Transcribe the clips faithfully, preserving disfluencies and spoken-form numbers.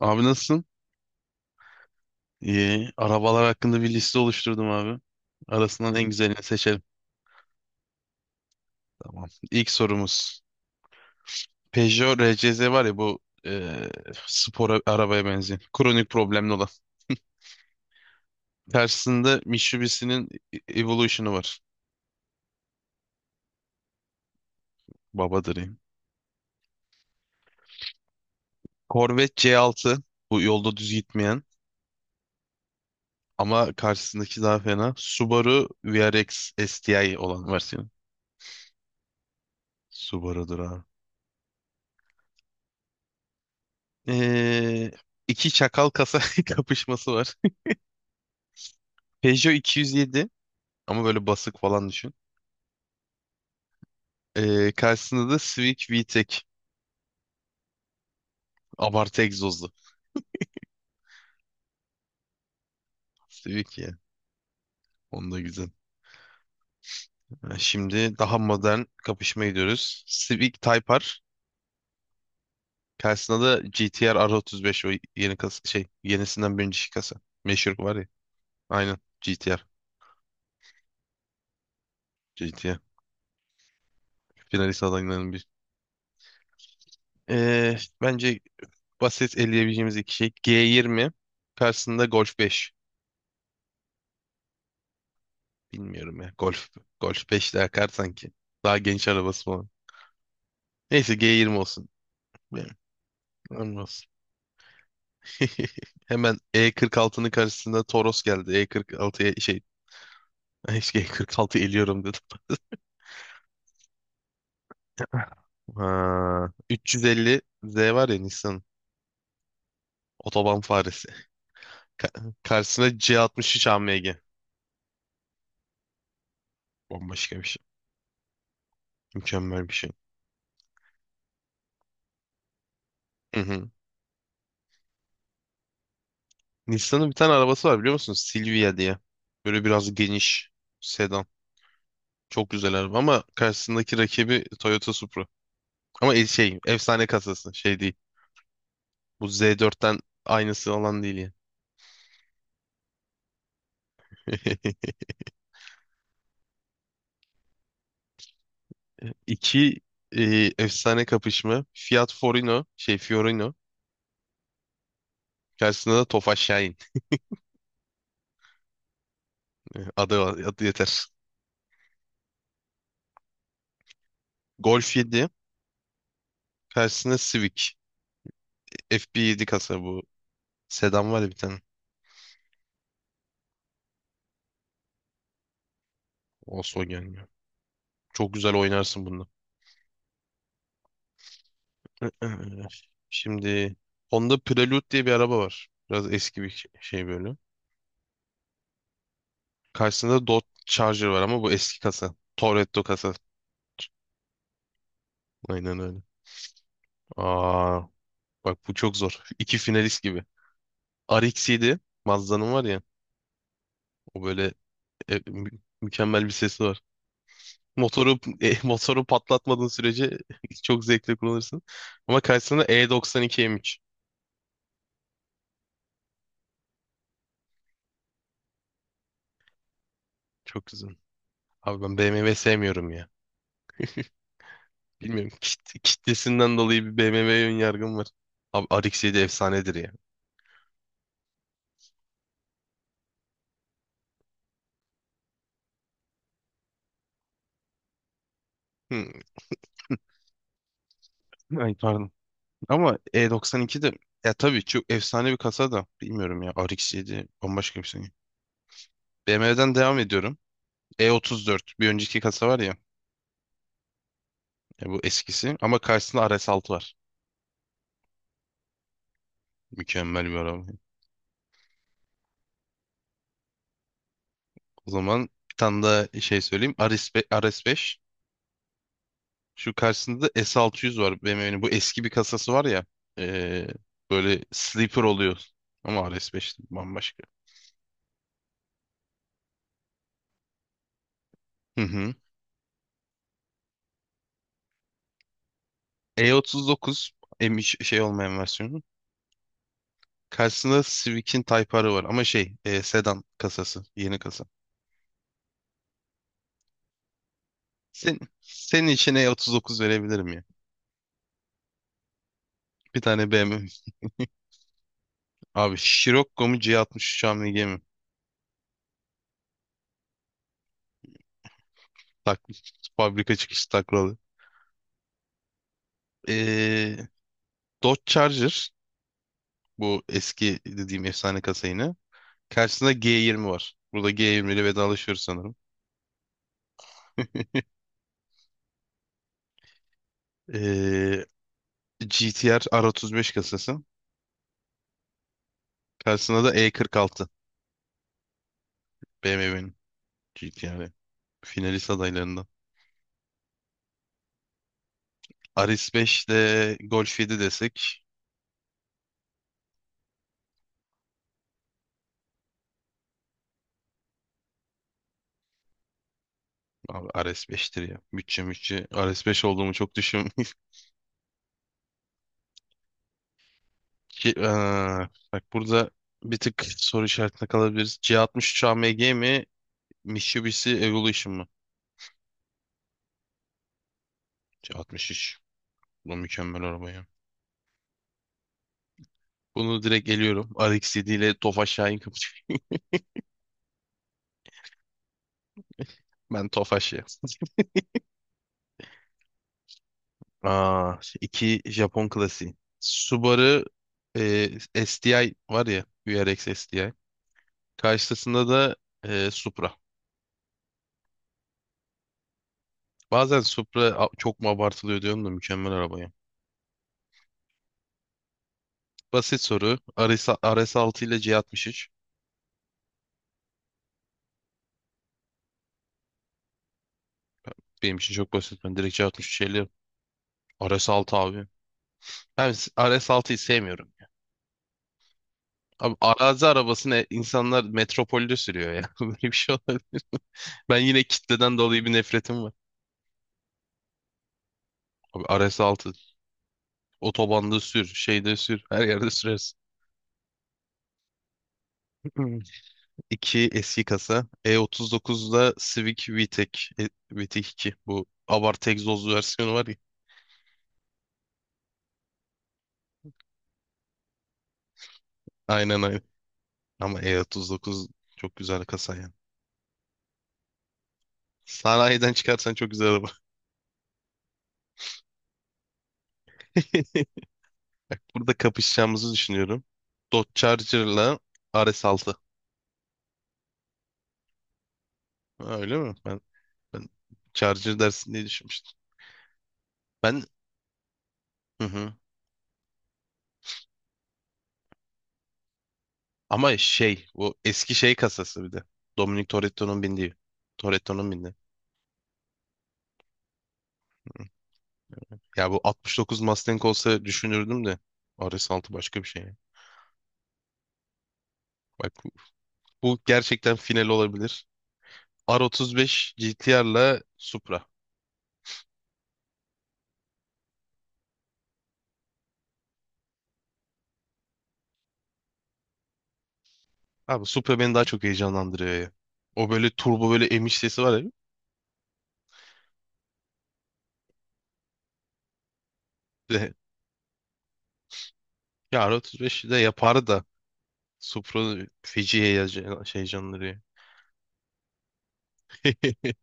Abi nasılsın? İyi. Arabalar hakkında bir liste oluşturdum abi. Arasından en güzelini seçelim. Tamam. İlk sorumuz. Peugeot R C Z var ya bu e, spor a- arabaya benzeyen. Kronik problemli olan. Tersinde Mitsubishi'nin E- Evolution'u var. Babadır yani. Corvette C altı. Bu yolda düz gitmeyen. Ama karşısındaki daha fena. Subaru V R X S T I olan versiyonu. Subaru'dur abi. E, iki çakal kasa kapışması var. Peugeot iki yüz yedi. Ama böyle basık falan düşün. Ee, karşısında da Civic V T E C. Abartı egzozlu. Civic ya. Onda güzel. Ha, Şimdi daha modern kapışma gidiyoruz. Civic Type R. Karşısında da GTR, r R otuz beş. O yeni kas şey yenisinden birinci kasa. Meşhur var ya. Aynen. G T R. G T R. Finalist adaylarının bir. Ee, bence basit eleyebileceğimiz iki şey. G yirmi. Karşısında Golf beş. Bilmiyorum ya. Golf. Golf beş de akar sanki. Daha genç arabası falan. Neyse g yirmi olsun. Yani, olmaz. Hemen E kırk altının karşısında Toros geldi. E kırk altıya şey işte E kırk altı eliyorum dedim. Ha, üç yüz elli Z var ya Nissan, otoban faresi. Ka- karşısına C altmış üç A M G. Bambaşka bir şey. Mükemmel bir şey. Hı hı. Nissan'ın bir tane arabası var biliyor musun? Silvia diye. Böyle biraz geniş sedan. Çok güzel araba ama karşısındaki rakibi Toyota Supra. Ama el- şey efsane kasası şey değil. Bu Z dörtten aynısı olan değil ya. İki e, efsane kapışma. Fiat Forino, şey Fiorino. Karşısında da Tofaş Şahin. Adı, adı yeter. Golf yedi. Karşısında Civic. F B yedi kasa bu. Sedan var ya bir tane. Oslo gelmiyor. Çok güzel oynarsın bununla. Ee, şimdi Honda Prelude diye bir araba var. Biraz eski bir şey şey böyle. Karşısında Dodge Charger var ama bu eski kasa. Toretto kasa. Aynen öyle. Aa, bak bu çok zor. İki finalist gibi. R X yedi, Mazda'nın var ya. O böyle e, mü- mükemmel bir sesi var. Motoru e, motoru patlatmadığın sürece çok zevkli kullanırsın. Ama karşısında E doksan iki M üç. Çok güzel. Abi ben B M W sevmiyorum ya. Bilmiyorum, kit- kitlesinden dolayı bir B M W'ye ön yargım var. Abi R X yedi efsanedir ya. Hı, Ay pardon. Ama E doksan iki de, ya tabii çok efsane bir kasa da, bilmiyorum ya, R X yedi bambaşka bir şey. B M W'den devam ediyorum. E otuz dört bir önceki kasa var ya, ya bu eskisi ama karşısında R S altı var. Mükemmel bir araba. O zaman bir tane daha şey söyleyeyim. R S beş, R S beş. Şu karşısında da S altı yüz var B M W'nin. Bu eski bir kasası var ya. ee, böyle sleeper oluyor. Ama R S beş bambaşka. Hı hı. E otuz dokuz, em- şey olmayan versiyonu. Karşısında Civic'in Type R'ı var ama şey e, sedan kasası, yeni kasa. Sen, senin için E otuz dokuz verebilirim ya. Bir tane B M W. Abi Scirocco mu C altmış üç A M G mi? Tak, fabrika çıkışı taklalı. E, Dodge Charger, bu eski dediğim efsane kasa yine. Karşısında G yirmi var. Burada G yirmi ile vedalaşıyoruz sanırım. E, G T R R otuz beş kasası. Karşısında da E kırk altı, B M W'nin G T R'i. Finalist adaylarından. Aris beş ile Golf yedi desek. Abi Ares beştir ya. Bütçe mütçe. Ares beş olduğumu çok düşün. Ki, eee, bak burada bir tık soru işaretine kalabiliriz. C altmış üç A M G mi? Mitsubishi Evolution mı? C altmış üç. Bu mükemmel araba ya. Bunu direkt eliyorum. R X yedi ile Tofaş Şahin kapışıyor. Ben Tofaş ya. Aa, iki Japon klasiği. Subaru eee, S T I var ya. V R X S T I. Karşısında da eee, Supra. Bazen Supra a- çok mu abartılıyor diyorum, da mükemmel arabaya. Basit soru. RS, R S altı ile C altmış üç. Benim için çok basit. Ben direkt C altmış üç şeyle R S altı abi. Ben s- R S altıyı sevmiyorum. Abi arazi arabasını insanlar metropolde sürüyor ya. Böyle bir şey olabilir. Ben yine kitleden dolayı bir nefretim var. Abi R S altı, otobanda sür, şeyde sür, her yerde sürersin. İki eski kasa. E otuz dokuzda Civic V T E C, e, V T E C iki. Bu abartı egzozlu versiyonu var ya. Aynen aynen. Ama E otuz dokuz çok güzel kasa yani. Sanayiden çıkarsan çok güzel araba. Bak burada kapışacağımızı düşünüyorum. Dodge Charger'la r altı. Ha, öyle mi? Ben, ben Charger dersin diye düşünmüştüm. Ben hı hı. Ama şey o eski şey kasası bir de. Dominic Toretto'nun bindiği. Toretto'nun bindiği. Ya bu altmış dokuz Mustang olsa düşünürdüm de, R S altı başka bir şey. Bak bu bu gerçekten final olabilir. R otuz beş G T R'la Supra. Abi Supra beni daha çok heyecanlandırıyor ya. O böyle turbo, böyle emiş sesi var ya. de Ya R otuz beş de yapar da, Supra feci heyecan- şey heyecanlandırıyor.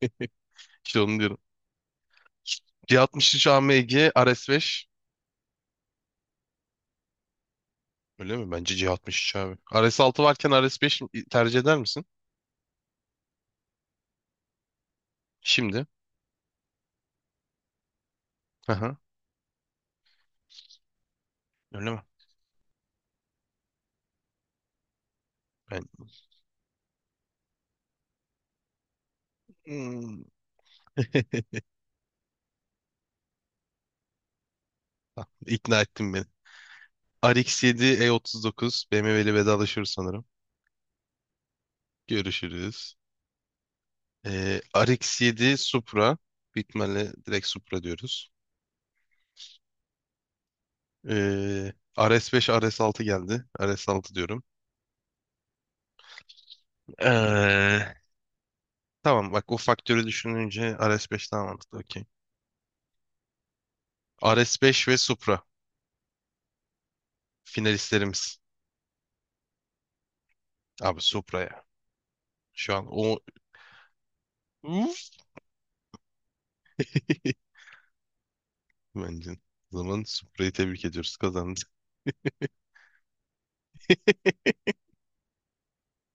İşte onu diyorum. C altmış üç A M G, R S beş, öyle mi? Bence C altmış üç abi. R S altı varken R S beş tercih eder misin? Şimdi. Aha, öyle mi? Ben... Hmm. Tamam, İkna ettin beni. R X yedi, E otuz dokuz B M W'li vedalaşıyoruz sanırım. Görüşürüz. Ee, R X yedi, Supra, bitmeli, direkt Supra diyoruz. Ee, R S beş, R S altı geldi. R S altı diyorum. Ee, tamam bak, o faktörü düşününce R S beş daha mantıklı. Okey. R S beş ve Supra finalistlerimiz. Abi Supra ya. Şu an o bence. O zaman Supra'yı tebrik ediyoruz, kazandı.